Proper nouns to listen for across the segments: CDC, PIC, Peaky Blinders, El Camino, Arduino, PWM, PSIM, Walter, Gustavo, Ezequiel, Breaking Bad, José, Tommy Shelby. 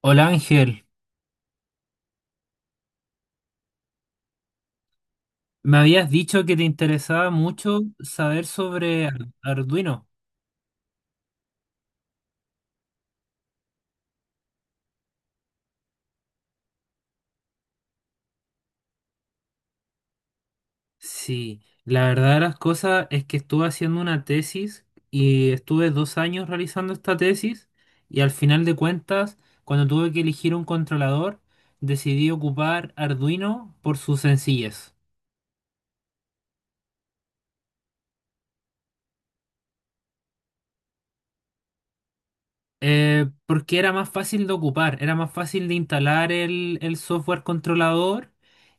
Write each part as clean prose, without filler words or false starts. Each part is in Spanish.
Hola Ángel, me habías dicho que te interesaba mucho saber sobre Arduino. Sí, la verdad de las cosas es que estuve haciendo una tesis y estuve dos años realizando esta tesis y al final de cuentas, cuando tuve que elegir un controlador, decidí ocupar Arduino por su sencillez. Porque era más fácil de ocupar, era más fácil de instalar el software controlador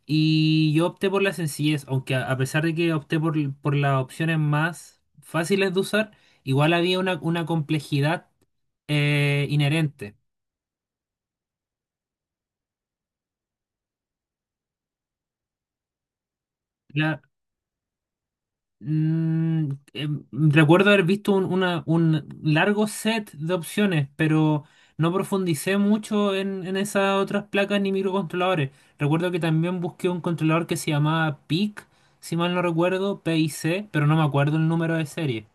y yo opté por la sencillez, aunque a pesar de que opté por las opciones más fáciles de usar, igual había una complejidad inherente. Mm, em, Recuerdo haber visto un largo set de opciones, pero no profundicé mucho en esas otras placas ni microcontroladores. Recuerdo que también busqué un controlador que se llamaba PIC, si mal no recuerdo, PIC, pero no me acuerdo el número de serie.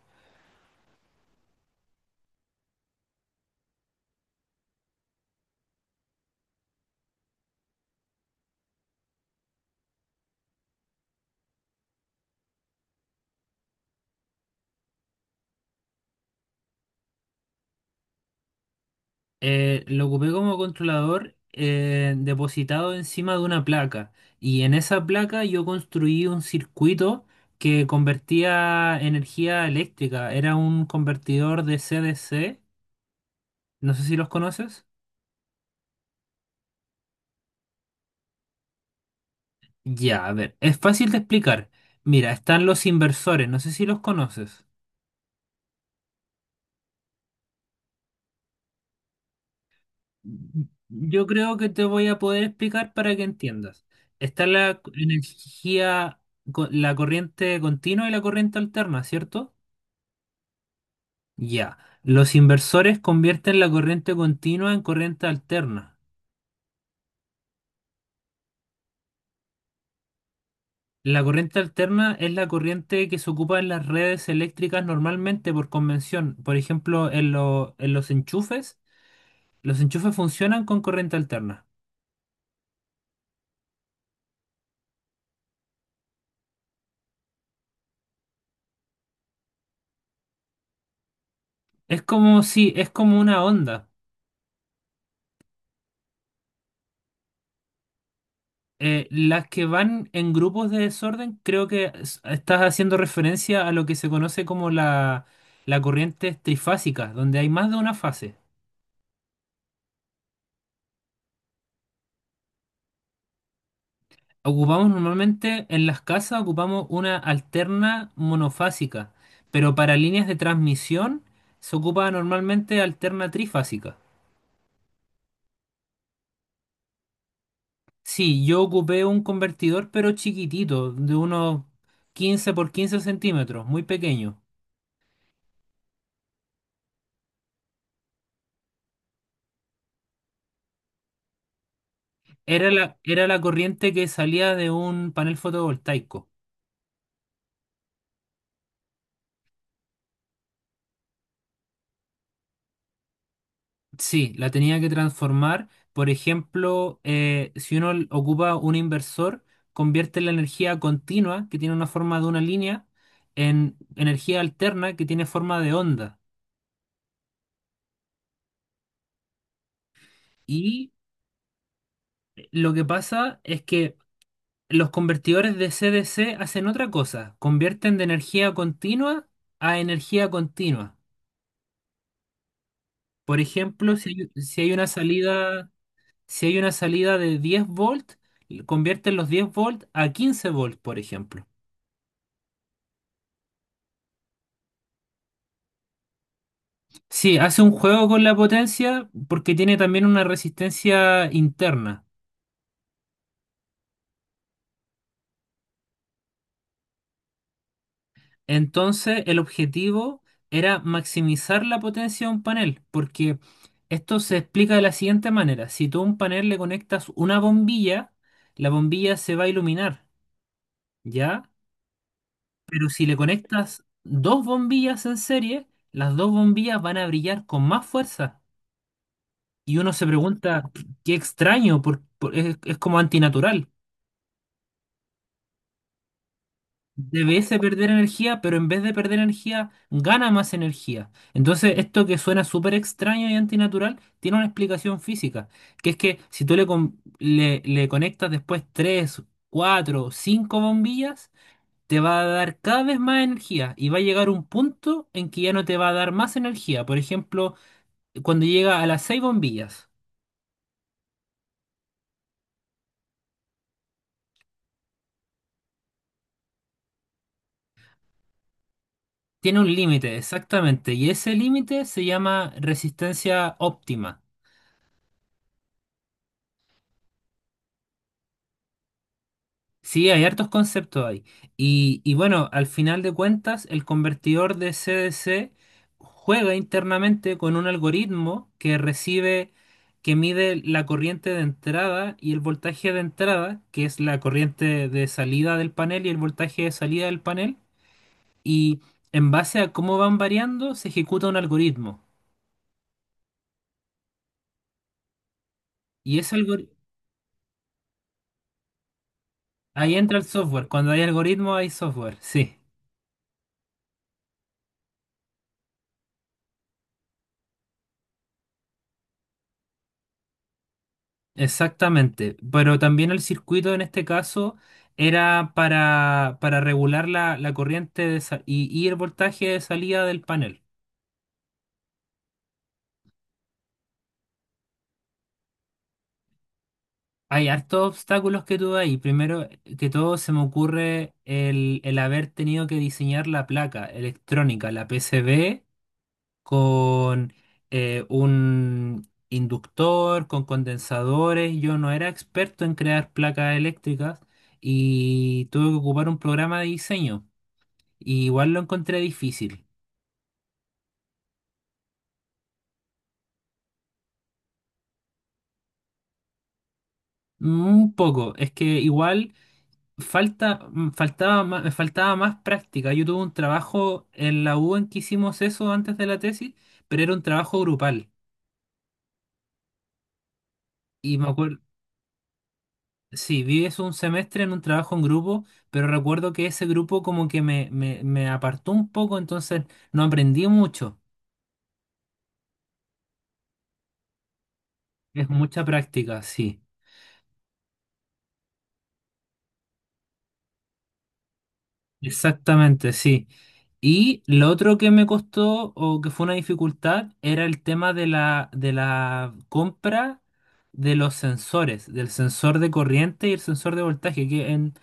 Lo ocupé como controlador depositado encima de una placa y en esa placa yo construí un circuito que convertía energía eléctrica. Era un convertidor de CDC. No sé si los conoces. Ya, a ver, es fácil de explicar. Mira, están los inversores. No sé si los conoces. Yo creo que te voy a poder explicar para que entiendas. Está la energía, la corriente continua y la corriente alterna, ¿cierto? Ya. Los inversores convierten la corriente continua en corriente alterna. La corriente alterna es la corriente que se ocupa en las redes eléctricas normalmente por convención. Por ejemplo, en los enchufes funcionan con corriente alterna. Es como si, es como una onda. Las que van en grupos de desorden, creo que estás haciendo referencia a lo que se conoce como la corriente trifásica, donde hay más de una fase. Ocupamos normalmente en las casas, ocupamos una alterna monofásica, pero para líneas de transmisión se ocupa normalmente alterna trifásica. Sí, yo ocupé un convertidor pero chiquitito, de unos 15 por 15 centímetros, muy pequeño. Era la corriente que salía de un panel fotovoltaico. Sí, la tenía que transformar. Por ejemplo, si uno ocupa un inversor, convierte la energía continua, que tiene una forma de una línea, en energía alterna, que tiene forma de onda. Y lo que pasa es que los convertidores de CDC hacen otra cosa, convierten de energía continua a energía continua. Por ejemplo, si hay una salida, si hay una salida de 10 volt, convierten los 10 volt a 15 volt, por ejemplo. Sí, hace un juego con la potencia porque tiene también una resistencia interna. Entonces, el objetivo era maximizar la potencia de un panel, porque esto se explica de la siguiente manera. Si tú a un panel le conectas una bombilla, la bombilla se va a iluminar, ¿ya? Pero si le conectas dos bombillas en serie, las dos bombillas van a brillar con más fuerza. Y uno se pregunta, qué extraño, es como antinatural. Debiese perder energía, pero en vez de perder energía, gana más energía. Entonces, esto que suena súper extraño y antinatural, tiene una explicación física, que es que si tú le conectas después 3, 4, 5 bombillas, te va a dar cada vez más energía y va a llegar un punto en que ya no te va a dar más energía. Por ejemplo, cuando llega a las seis bombillas, tiene un límite, exactamente, y ese límite se llama resistencia óptima. Sí, hay hartos conceptos ahí. Y bueno, al final de cuentas, el convertidor de CDC juega internamente con un algoritmo que recibe, que mide la corriente de entrada y el voltaje de entrada, que es la corriente de salida del panel y el voltaje de salida del panel. Y en base a cómo van variando, se ejecuta un algoritmo. Y ese ahí entra el software. Cuando hay algoritmo, hay software. Sí. Exactamente, pero también el circuito en este caso era para regular la corriente y el voltaje de salida del panel. Hay hartos obstáculos que tuve ahí. Primero que todo se me ocurre el haber tenido que diseñar la placa electrónica, la PCB, con un inductor, con condensadores. Yo no era experto en crear placas eléctricas y tuve que ocupar un programa de diseño. Y igual lo encontré difícil. Un poco, es que igual falta, mm, faltaba más, me faltaba más práctica. Yo tuve un trabajo en la U en que hicimos eso antes de la tesis, pero era un trabajo grupal. Y me acuerdo, sí, vi eso un semestre en un trabajo en grupo, pero recuerdo que ese grupo como que me apartó un poco, entonces no aprendí mucho. Es mucha práctica, sí. Exactamente, sí. Y lo otro que me costó o que fue una dificultad era el tema de de la compra de los sensores, del sensor de corriente y el sensor de voltaje, que en,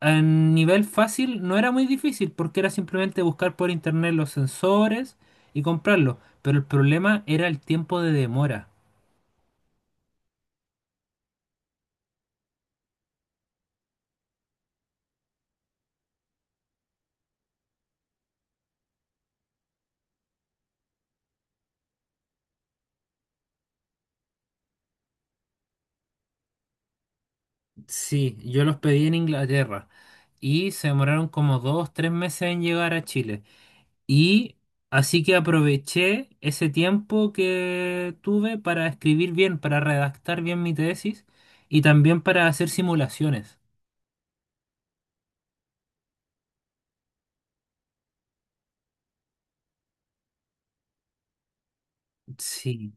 en nivel fácil no era muy difícil porque era simplemente buscar por internet los sensores y comprarlos. Pero el problema era el tiempo de demora. Sí, yo los pedí en Inglaterra y se demoraron como dos, tres meses en llegar a Chile. Y así que aproveché ese tiempo que tuve para escribir bien, para redactar bien mi tesis y también para hacer simulaciones. Sí.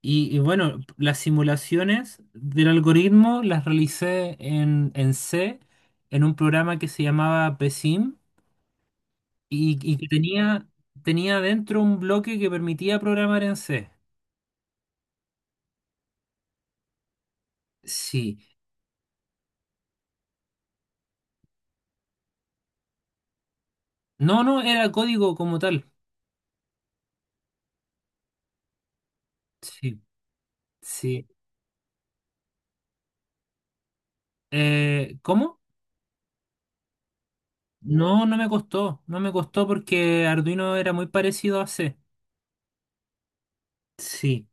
Y bueno, las simulaciones del algoritmo las realicé en C, en un programa que se llamaba PSIM y que tenía dentro un bloque que permitía programar en C. Sí. No, no, era código como tal. Sí, sí. ¿Cómo? No, no me costó porque Arduino era muy parecido a C. Sí,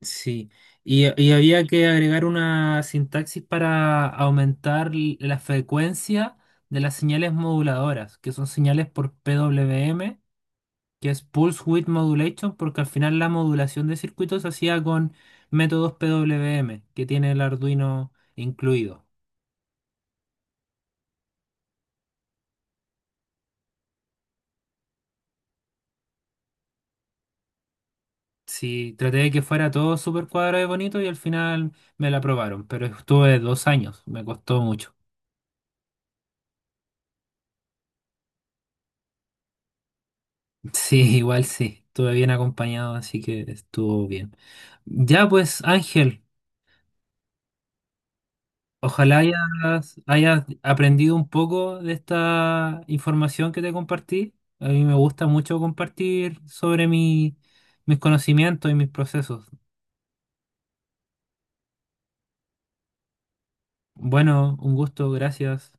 sí. Y había que agregar una sintaxis para aumentar la frecuencia de las señales moduladoras, que son señales por PWM, que es Pulse Width Modulation, porque al final la modulación de circuitos se hacía con métodos PWM, que tiene el Arduino incluido. Sí, traté de que fuera todo súper cuadrado y bonito y al final me la aprobaron, pero estuve 2 años, me costó mucho. Sí, igual sí, estuve bien acompañado, así que estuvo bien. Ya pues, Ángel, ojalá hayas aprendido un poco de esta información que te compartí. A mí me gusta mucho compartir sobre mis conocimientos y mis procesos. Bueno, un gusto, gracias.